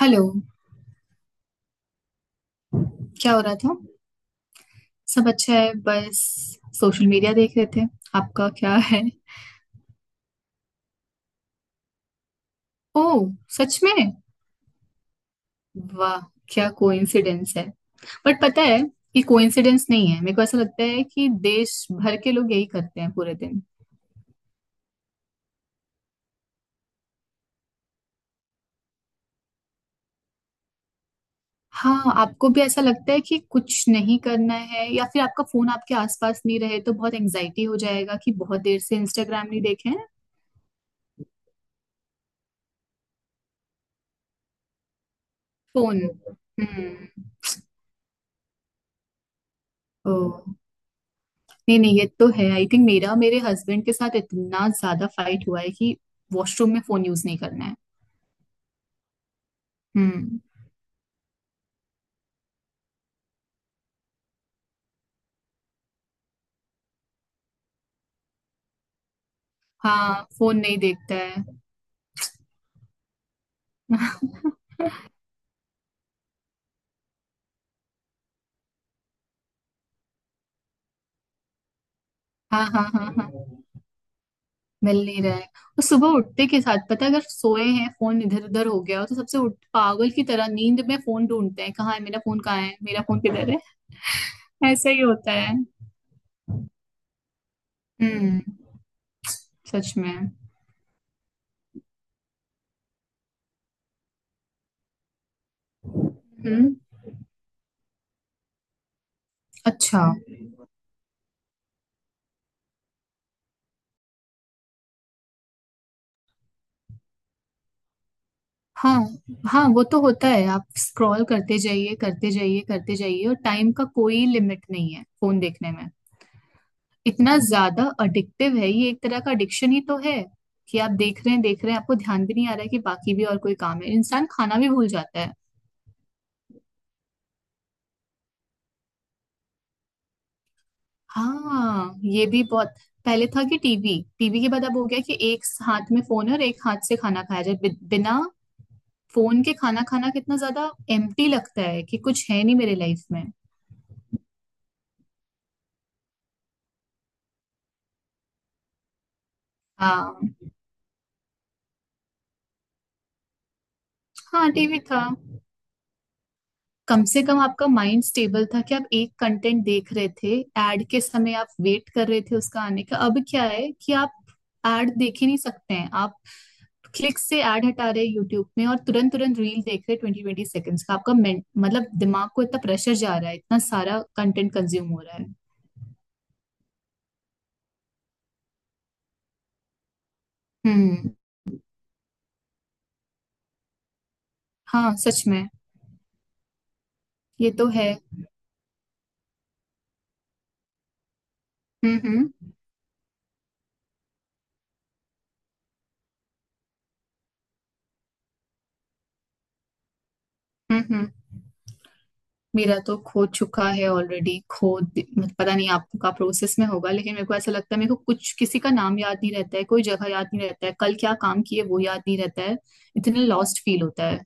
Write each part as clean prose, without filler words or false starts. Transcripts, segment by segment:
Hello. क्या हो रहा था? सब अच्छा है, बस सोशल मीडिया देख रहे थे। आपका क्या है? ओह, सच में? वाह, क्या कोइंसिडेंस है। बट पता है, ये कोइंसिडेंस नहीं है, मेरे को ऐसा लगता है कि देश भर के लोग यही करते हैं पूरे दिन। हाँ, आपको भी ऐसा लगता है कि कुछ नहीं करना है या फिर आपका फोन आपके आसपास नहीं रहे तो बहुत एंजाइटी हो जाएगा कि बहुत देर से इंस्टाग्राम नहीं देखे हैं। फोन। हम्म। ओह। नहीं नहीं, ये तो है। आई थिंक मेरा मेरे हस्बैंड के साथ इतना ज्यादा फाइट हुआ है कि वॉशरूम में फोन यूज नहीं करना है। हम्म। हाँ, फोन नहीं देखता है। हाँ हाँ हाँ हाँ। मिल नहीं रहा है, और सुबह उठते के साथ पता है, अगर सोए हैं फोन इधर उधर हो गया हो तो सबसे उठ पागल की तरह नींद में फोन ढूंढते हैं, कहाँ है मेरा फोन, कहाँ है मेरा फोन, किधर है। ऐसा ही होता है। हम्म। सच में। हम्म। अच्छा। हाँ हाँ, वो तो होता है। आप स्क्रॉल करते जाइए, करते जाइए, करते जाइए, और टाइम का कोई लिमिट नहीं है फोन देखने में। इतना ज्यादा अडिक्टिव है, ये एक तरह का एडिक्शन ही तो है कि आप देख रहे हैं, देख रहे हैं, आपको ध्यान भी नहीं आ रहा है कि बाकी भी और कोई काम है। इंसान खाना भी भूल जाता है। हाँ, ये भी बहुत। पहले था कि टीवी, टीवी के बाद अब हो गया कि एक हाथ में फोन है और एक हाथ से खाना खाया जाए बिना फोन के। खाना खाना कितना ज्यादा एम्प्टी लगता है कि कुछ है नहीं मेरे लाइफ में। हाँ हाँ, टीवी था। कम से कम आपका माइंड स्टेबल था कि आप एक कंटेंट देख रहे थे। एड के समय आप वेट कर रहे थे उसका आने का। अब क्या है कि आप एड देख ही नहीं सकते हैं आप। क्लिक से एड हटा रहे हैं यूट्यूब में और तुरंत तुरंत रील देख रहे हैं ट्वेंटी ट्वेंटी सेकंड्स का आपका मतलब दिमाग को इतना प्रेशर जा रहा है, इतना सारा कंटेंट कंज्यूम हो रहा है। हम्म। हाँ, सच में। ये तो है। हम्म। हम्म। मेरा तो खो चुका है ऑलरेडी। खो दि- मत- पता नहीं आपका प्रोसेस में होगा, लेकिन मेरे को ऐसा लगता है, मेरे को कुछ किसी का नाम याद नहीं रहता है, कोई जगह याद नहीं रहता है, कल क्या काम किए वो याद नहीं रहता है। इतने लॉस्ट फील होता है।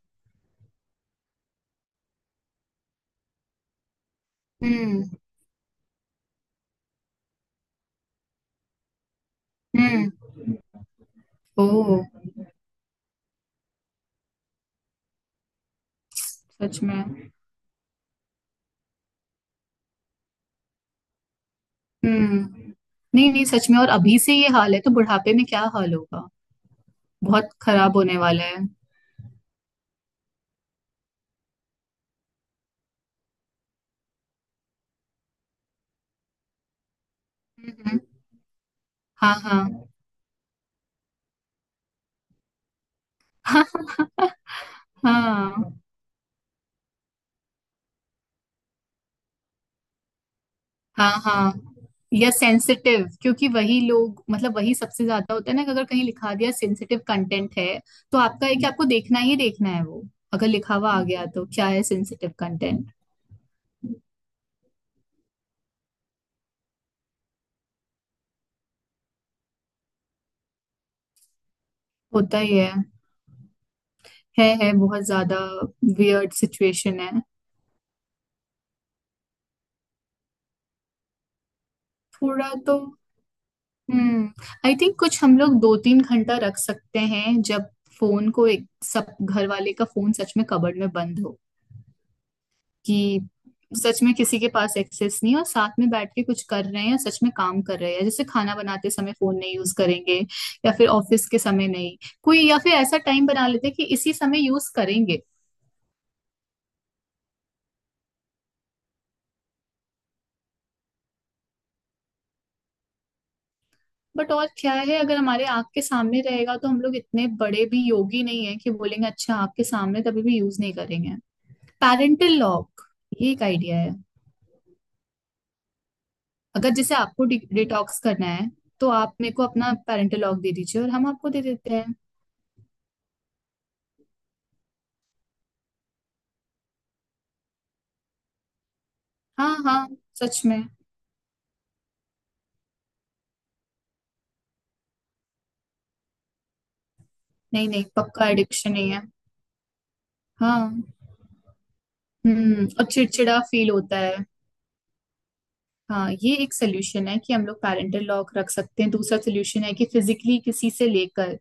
हम्म हम्म। ओह। सच में। हम्म। नहीं नहीं, सच में, और अभी से ये हाल है तो बुढ़ापे में क्या हाल होगा। बहुत खराब होने वाला है। हम्म, हाँ हाँ। हाँ हाँ हाँ हाँ। या सेंसिटिव, क्योंकि वही लोग मतलब वही सबसे ज्यादा होता है ना कि अगर कहीं लिखा दिया सेंसिटिव कंटेंट है तो आपका है कि आपको देखना ही देखना है वो। अगर लिखा हुआ आ गया तो क्या है सेंसिटिव कंटेंट। होता ही है। है, बहुत ज्यादा। वियर्ड सिचुएशन है। थोड़ा तो हम्म आई थिंक कुछ हम लोग 2-3 घंटा रख सकते हैं जब फोन को, एक सब घर वाले का फोन सच में कबर्ड में बंद हो कि सच में किसी के पास एक्सेस नहीं है, और साथ में बैठ के कुछ कर रहे हैं या सच में काम कर रहे हैं। जैसे खाना बनाते समय फोन नहीं यूज करेंगे, या फिर ऑफिस के समय नहीं। कोई या फिर ऐसा टाइम बना लेते हैं कि इसी समय यूज करेंगे। बट और क्या है, अगर हमारे आंख के सामने रहेगा तो हम लोग इतने बड़े भी योगी नहीं है कि बोलेंगे अच्छा आंख के सामने तभी भी यूज नहीं करेंगे। पेरेंटल लॉक, ये एक आइडिया है। अगर जैसे आपको डिटॉक्स करना है तो आप मेरे को अपना पेरेंटल लॉक दे दीजिए और हम आपको दे देते हैं। हाँ हाँ। सच में। नहीं नहीं, पक्का एडिक्शन ही है। हाँ। हम्म, और चिड़चिड़ा फील होता है। हाँ, ये एक सोल्यूशन है कि हम लोग पेरेंटल लॉक रख सकते हैं। दूसरा सोल्यूशन है कि फिजिकली किसी से लेकर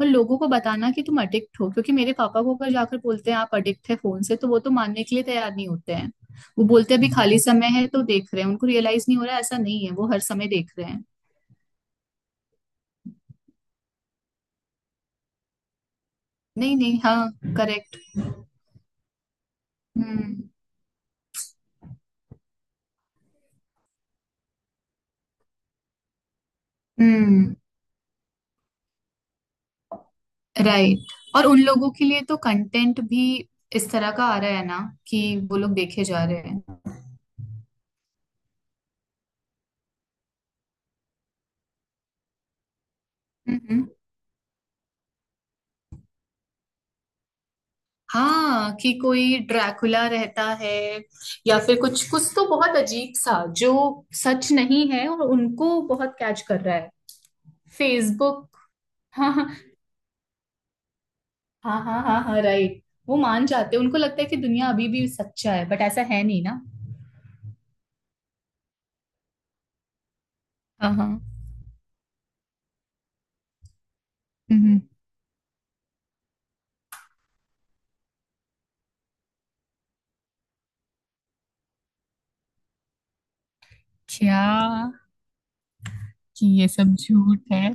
और लोगों को बताना कि तुम अडिक्ट हो, क्योंकि मेरे पापा को अगर जाकर बोलते हैं आप अडिक्ट है फोन से तो वो तो मानने के लिए तैयार नहीं होते हैं। वो बोलते हैं अभी खाली समय है तो देख रहे हैं, उनको रियलाइज नहीं हो रहा है, ऐसा नहीं है वो हर समय देख रहे हैं। नहीं नहीं, हाँ, करेक्ट। हम्म हम्म। राइट। और उन लोगों के लिए तो कंटेंट भी इस तरह का आ रहा है ना कि वो लोग देखे जा रहे हैं। हम्म। हाँ, कि कोई ड्रैकुला रहता है या फिर कुछ कुछ तो बहुत अजीब सा जो सच नहीं है, और उनको बहुत कैच कर रहा है फेसबुक। हाँ हाँ। हाँ हाँ हाँ हाँ, राइट। वो मान जाते हैं, उनको लगता है कि दुनिया अभी भी सच्चा है, बट ऐसा है नहीं ना। हाँ हाँ। हम्म, क्या? कि ये सब झूठ है।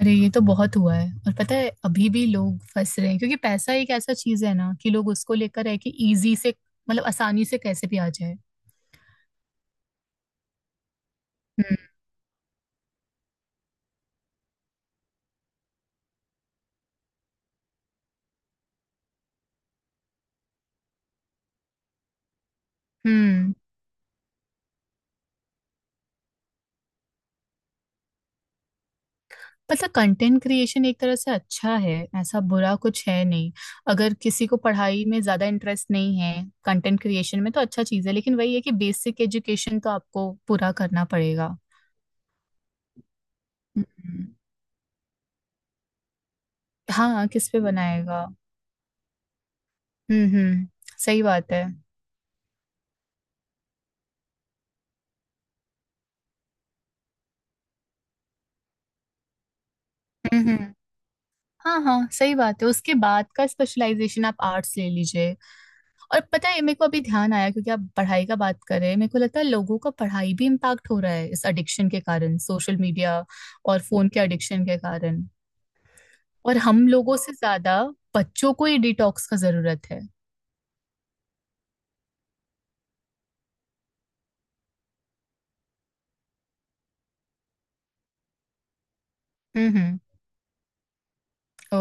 अरे ये तो बहुत हुआ है, और पता है अभी भी लोग फंस रहे हैं, क्योंकि पैसा एक ऐसा चीज है ना कि लोग उसको लेकर है कि इजी से, मतलब आसानी से कैसे भी आ जाए। हम्म। हम्म। मतलब कंटेंट क्रिएशन एक तरह से अच्छा है, ऐसा बुरा कुछ है नहीं। अगर किसी को पढ़ाई में ज्यादा इंटरेस्ट नहीं है, कंटेंट क्रिएशन में तो अच्छा चीज है, लेकिन वही है कि बेसिक एजुकेशन तो आपको पूरा करना पड़ेगा। हम्म। हाँ, किस पे बनाएगा? हम्म। सही बात है। हम्म हम्म। हाँ हाँ, सही बात है। उसके बाद का स्पेशलाइजेशन, आप आर्ट्स ले लीजिए। और पता है मेरे को अभी ध्यान आया, क्योंकि आप पढ़ाई का बात कर रहे हैं, मेरे को लगता है लोगों का पढ़ाई भी इम्पैक्ट हो रहा है इस एडिक्शन के कारण, सोशल मीडिया और फोन के एडिक्शन के कारण। और हम लोगों से ज्यादा बच्चों को ही डिटॉक्स का जरूरत है। हम्म। ओ।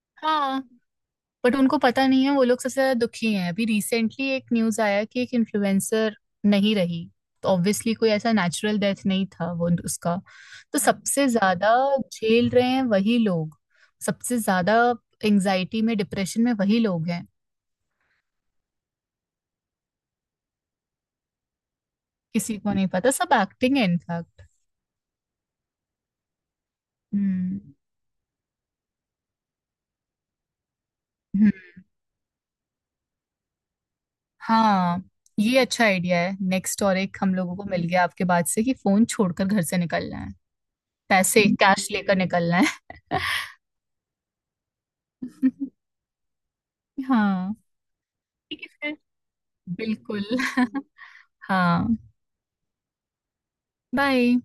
हाँ, बट उनको पता नहीं है, वो लोग सबसे ज्यादा दुखी हैं। अभी रिसेंटली एक न्यूज आया कि एक इन्फ्लुएंसर नहीं रही, तो ऑब्वियसली कोई ऐसा नेचुरल डेथ नहीं था वो उसका तो। सबसे ज्यादा झेल रहे हैं वही लोग, सबसे ज्यादा एंजाइटी में, डिप्रेशन में वही लोग हैं। किसी को नहीं पता, सब एक्टिंग है इनफैक्ट। हम्म हम्म, हाँ। ये अच्छा आइडिया है, नेक्स्ट और एक हम लोगों को मिल गया आपके बाद से, कि फोन छोड़कर घर से निकलना है, पैसे कैश लेकर निकलना है। हाँ। ठीक है, बिल्कुल। हाँ। बाय।